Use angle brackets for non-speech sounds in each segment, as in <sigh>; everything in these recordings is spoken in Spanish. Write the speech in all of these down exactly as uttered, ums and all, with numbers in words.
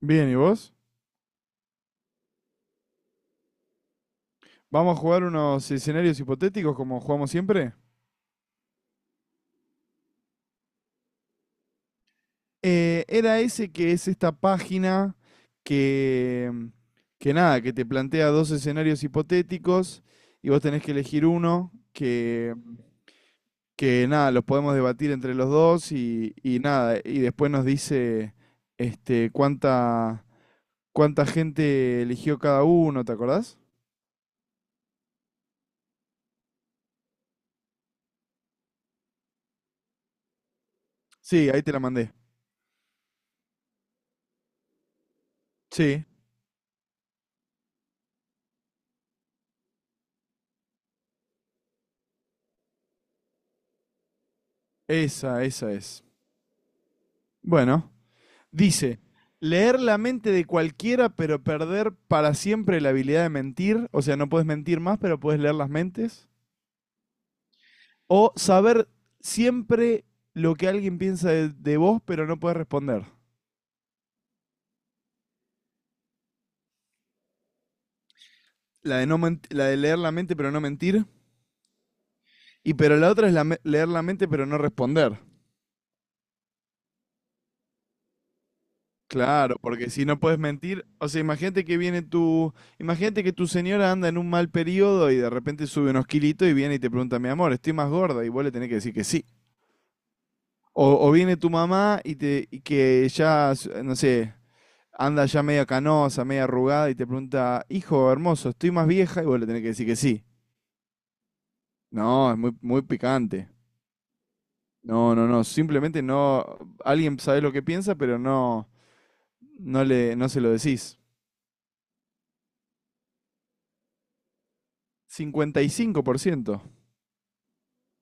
Bien, ¿y vos? Vamos a jugar unos escenarios hipotéticos como jugamos siempre. Eh, era ese que es esta página que, que nada, que te plantea dos escenarios hipotéticos y vos tenés que elegir uno que, que nada, los podemos debatir entre los dos y, y nada, y después nos dice este, cuánta, cuánta gente eligió cada uno, ¿te acordás? Sí, ahí te la mandé. Sí, esa, esa es. Bueno, dice, leer la mente de cualquiera, pero perder para siempre la habilidad de mentir. O sea, no puedes mentir más, pero puedes leer las mentes. O saber siempre lo que alguien piensa de, de vos, pero no puedes responder. La de, no la de leer la mente, pero no mentir. Y pero la otra es la leer la mente, pero no responder. Claro, porque si no puedes mentir, o sea, imagínate que viene tu, imagínate que tu señora anda en un mal periodo y de repente sube unos kilitos y viene y te pregunta, mi amor, estoy más gorda, y vos le tenés que decir que sí. O, o viene tu mamá y, te, y que ya, s- no sé, anda ya media canosa, media arrugada y te pregunta, hijo hermoso, estoy más vieja y vos le tenés que decir que sí. No, es muy, muy picante. No, no, no, simplemente no, alguien sabe lo que piensa, pero no, no le, no se lo decís. cincuenta y cinco por ciento.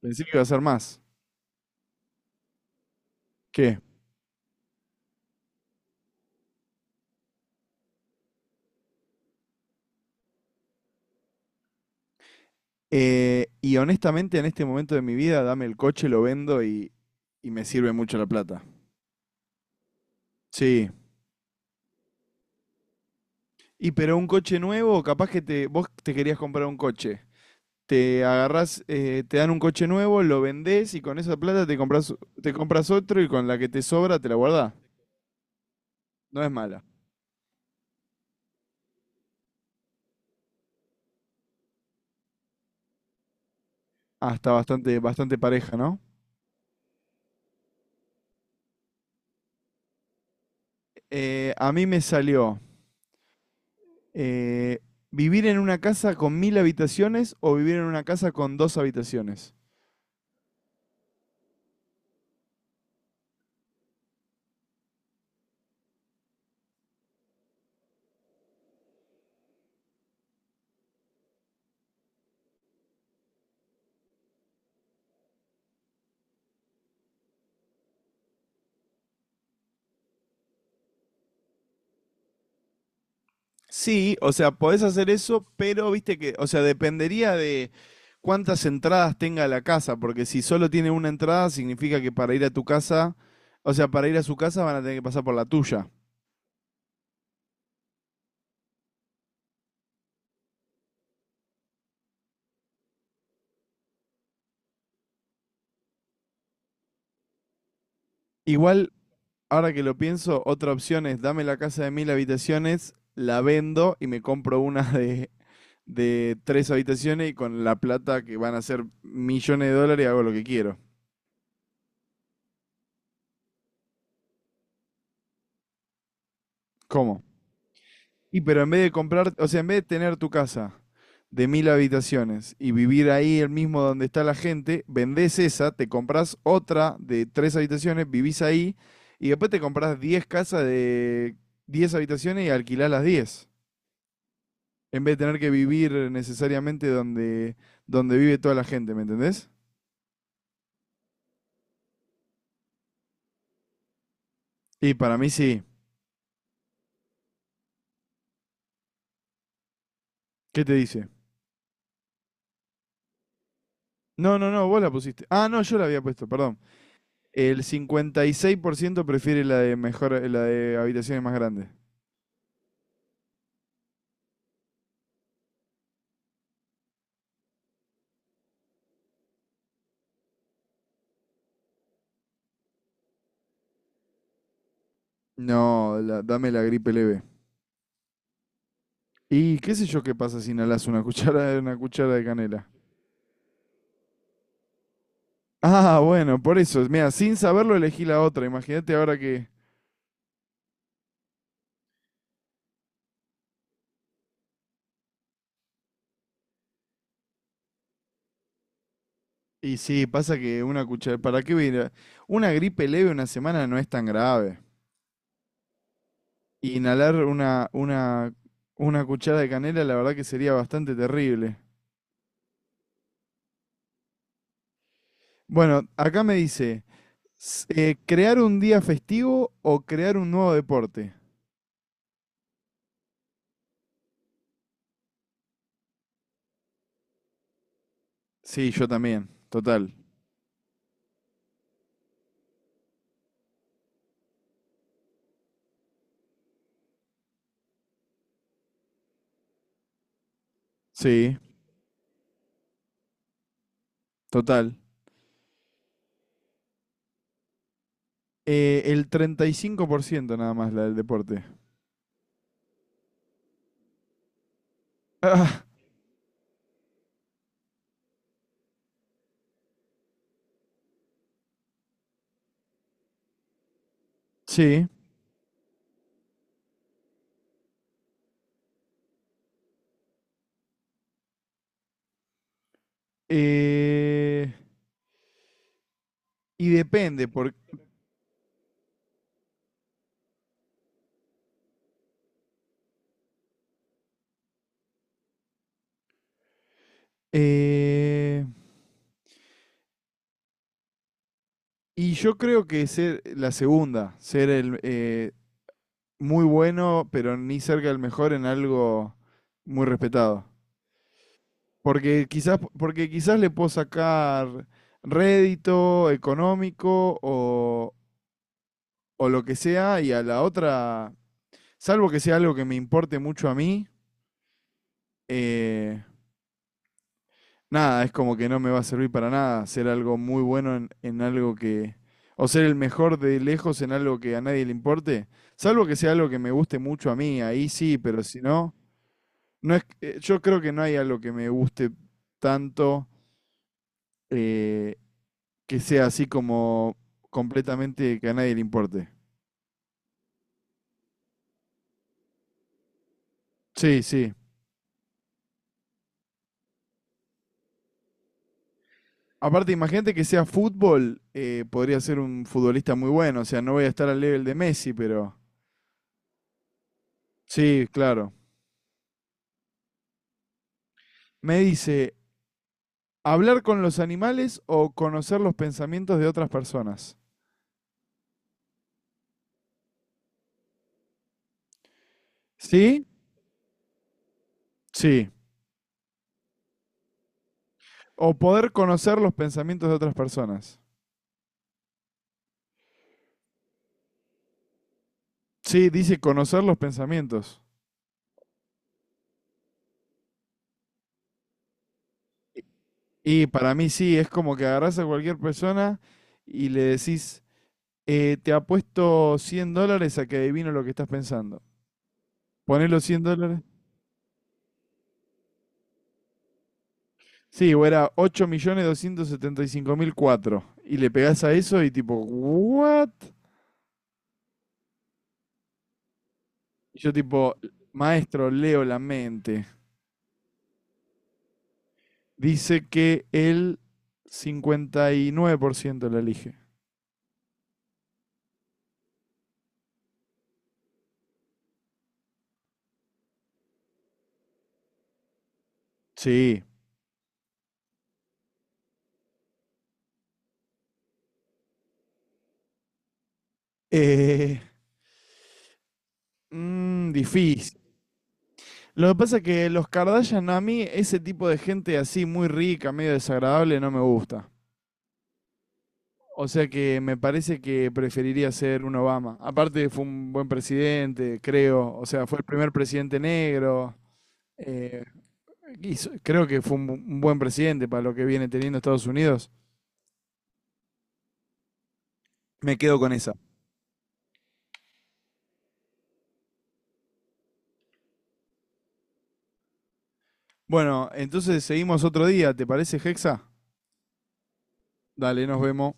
Pensé que iba a ser más. ¿Qué? Eh, y honestamente en este momento de mi vida, dame el coche, lo vendo y, y me sirve mucho la plata. Sí, y pero un coche nuevo, capaz que te, vos te querías comprar un coche. Te agarrás, eh, te dan un coche nuevo, lo vendés y con esa plata te compras, te compras, otro y con la que te sobra te la guardás. No es mala. Ah, está bastante, bastante pareja, ¿no? Eh, a mí me salió eh, vivir en una casa con mil habitaciones o vivir en una casa con dos habitaciones. Sí, o sea, podés hacer eso, pero viste que, o sea, dependería de cuántas entradas tenga la casa, porque si solo tiene una entrada, significa que para ir a tu casa, o sea, para ir a su casa van a tener que pasar por la tuya. Igual, ahora que lo pienso, otra opción es dame la casa de mil habitaciones, la vendo y me compro una de, de tres habitaciones y con la plata que van a ser millones de dólares hago lo que quiero. ¿Cómo? Y pero en vez de comprar, o sea, en vez de tener tu casa de mil habitaciones y vivir ahí el mismo donde está la gente, vendés esa, te compras otra de tres habitaciones, vivís ahí y después te compras diez casas de diez habitaciones y alquilás las diez en vez de tener que vivir necesariamente donde, donde, vive toda la gente, ¿me entendés? Y para mí sí. ¿Qué te dice? No, no, no, vos la pusiste. Ah, no, yo la había puesto, perdón. El cincuenta y seis por ciento prefiere la de mejor, la de habitaciones más grandes. No, la- dame la gripe leve. Y qué sé yo qué pasa si inhalas una <laughs> cuchara de una cuchara de canela. Ah, bueno, por eso. Mira, sin saberlo elegí la otra. Imagínate ahora que. Y sí, pasa que una cuchara. ¿Para qué voy a ir a- Una gripe leve una semana no es tan grave. Y inhalar una, una, una cuchara de canela, la verdad que sería bastante terrible. Bueno, acá me dice: s- eh, ¿crear un día festivo o crear un nuevo deporte? Sí, yo también. Total. Sí, total. Eh, el treinta y cinco por ciento nada más la del deporte. Ah, sí. Eh, y depende, por, eh, y yo creo que ser la segunda, ser el eh, muy bueno, pero ni cerca del mejor en algo muy respetado. Porque quizás, porque quizás le puedo sacar rédito económico o, o lo que sea, y a la otra, salvo que sea algo que me importe mucho a mí, eh, nada, es como que no me va a servir para nada ser algo muy bueno en, en algo que... O ser el mejor de lejos en algo que a nadie le importe. Salvo que sea algo que me guste mucho a mí, ahí sí, pero si no, no es, eh, yo creo que no hay algo que me guste tanto eh, que sea así como completamente que a nadie le importe. Sí, sí. Aparte, imagínate que sea fútbol, eh, podría ser un futbolista muy bueno. O sea, no voy a estar al nivel de Messi, pero... Sí, claro. Me dice, hablar con los animales o conocer los pensamientos de otras personas. ¿Sí? Sí. O poder conocer los pensamientos de otras personas. Sí, dice conocer los pensamientos. Y para mí sí, es como que agarrás a cualquier persona y le decís, eh, te apuesto cien dólares a que adivino lo que estás pensando. Ponés los cien dólares. Sí, o era ocho millones doscientos setenta y cinco mil.004. Y cinco mil cuatro. Y le pegás a eso y tipo, ¿what? Y yo tipo, maestro, leo la mente. Dice que el cincuenta y nueve por ciento la elige. Sí. Eh, mmm, Difícil. Lo que pasa es que los Kardashian, a mí ese tipo de gente así muy rica, medio desagradable, no me gusta. O sea que me parece que preferiría ser un Obama. Aparte fue un buen presidente, creo. O sea, fue el primer presidente negro. Eh, hizo- Creo que fue un bu- un buen presidente para lo que viene teniendo Estados Unidos. Me quedo con esa. Bueno, entonces seguimos otro día, ¿te parece, Hexa? Dale, nos vemos.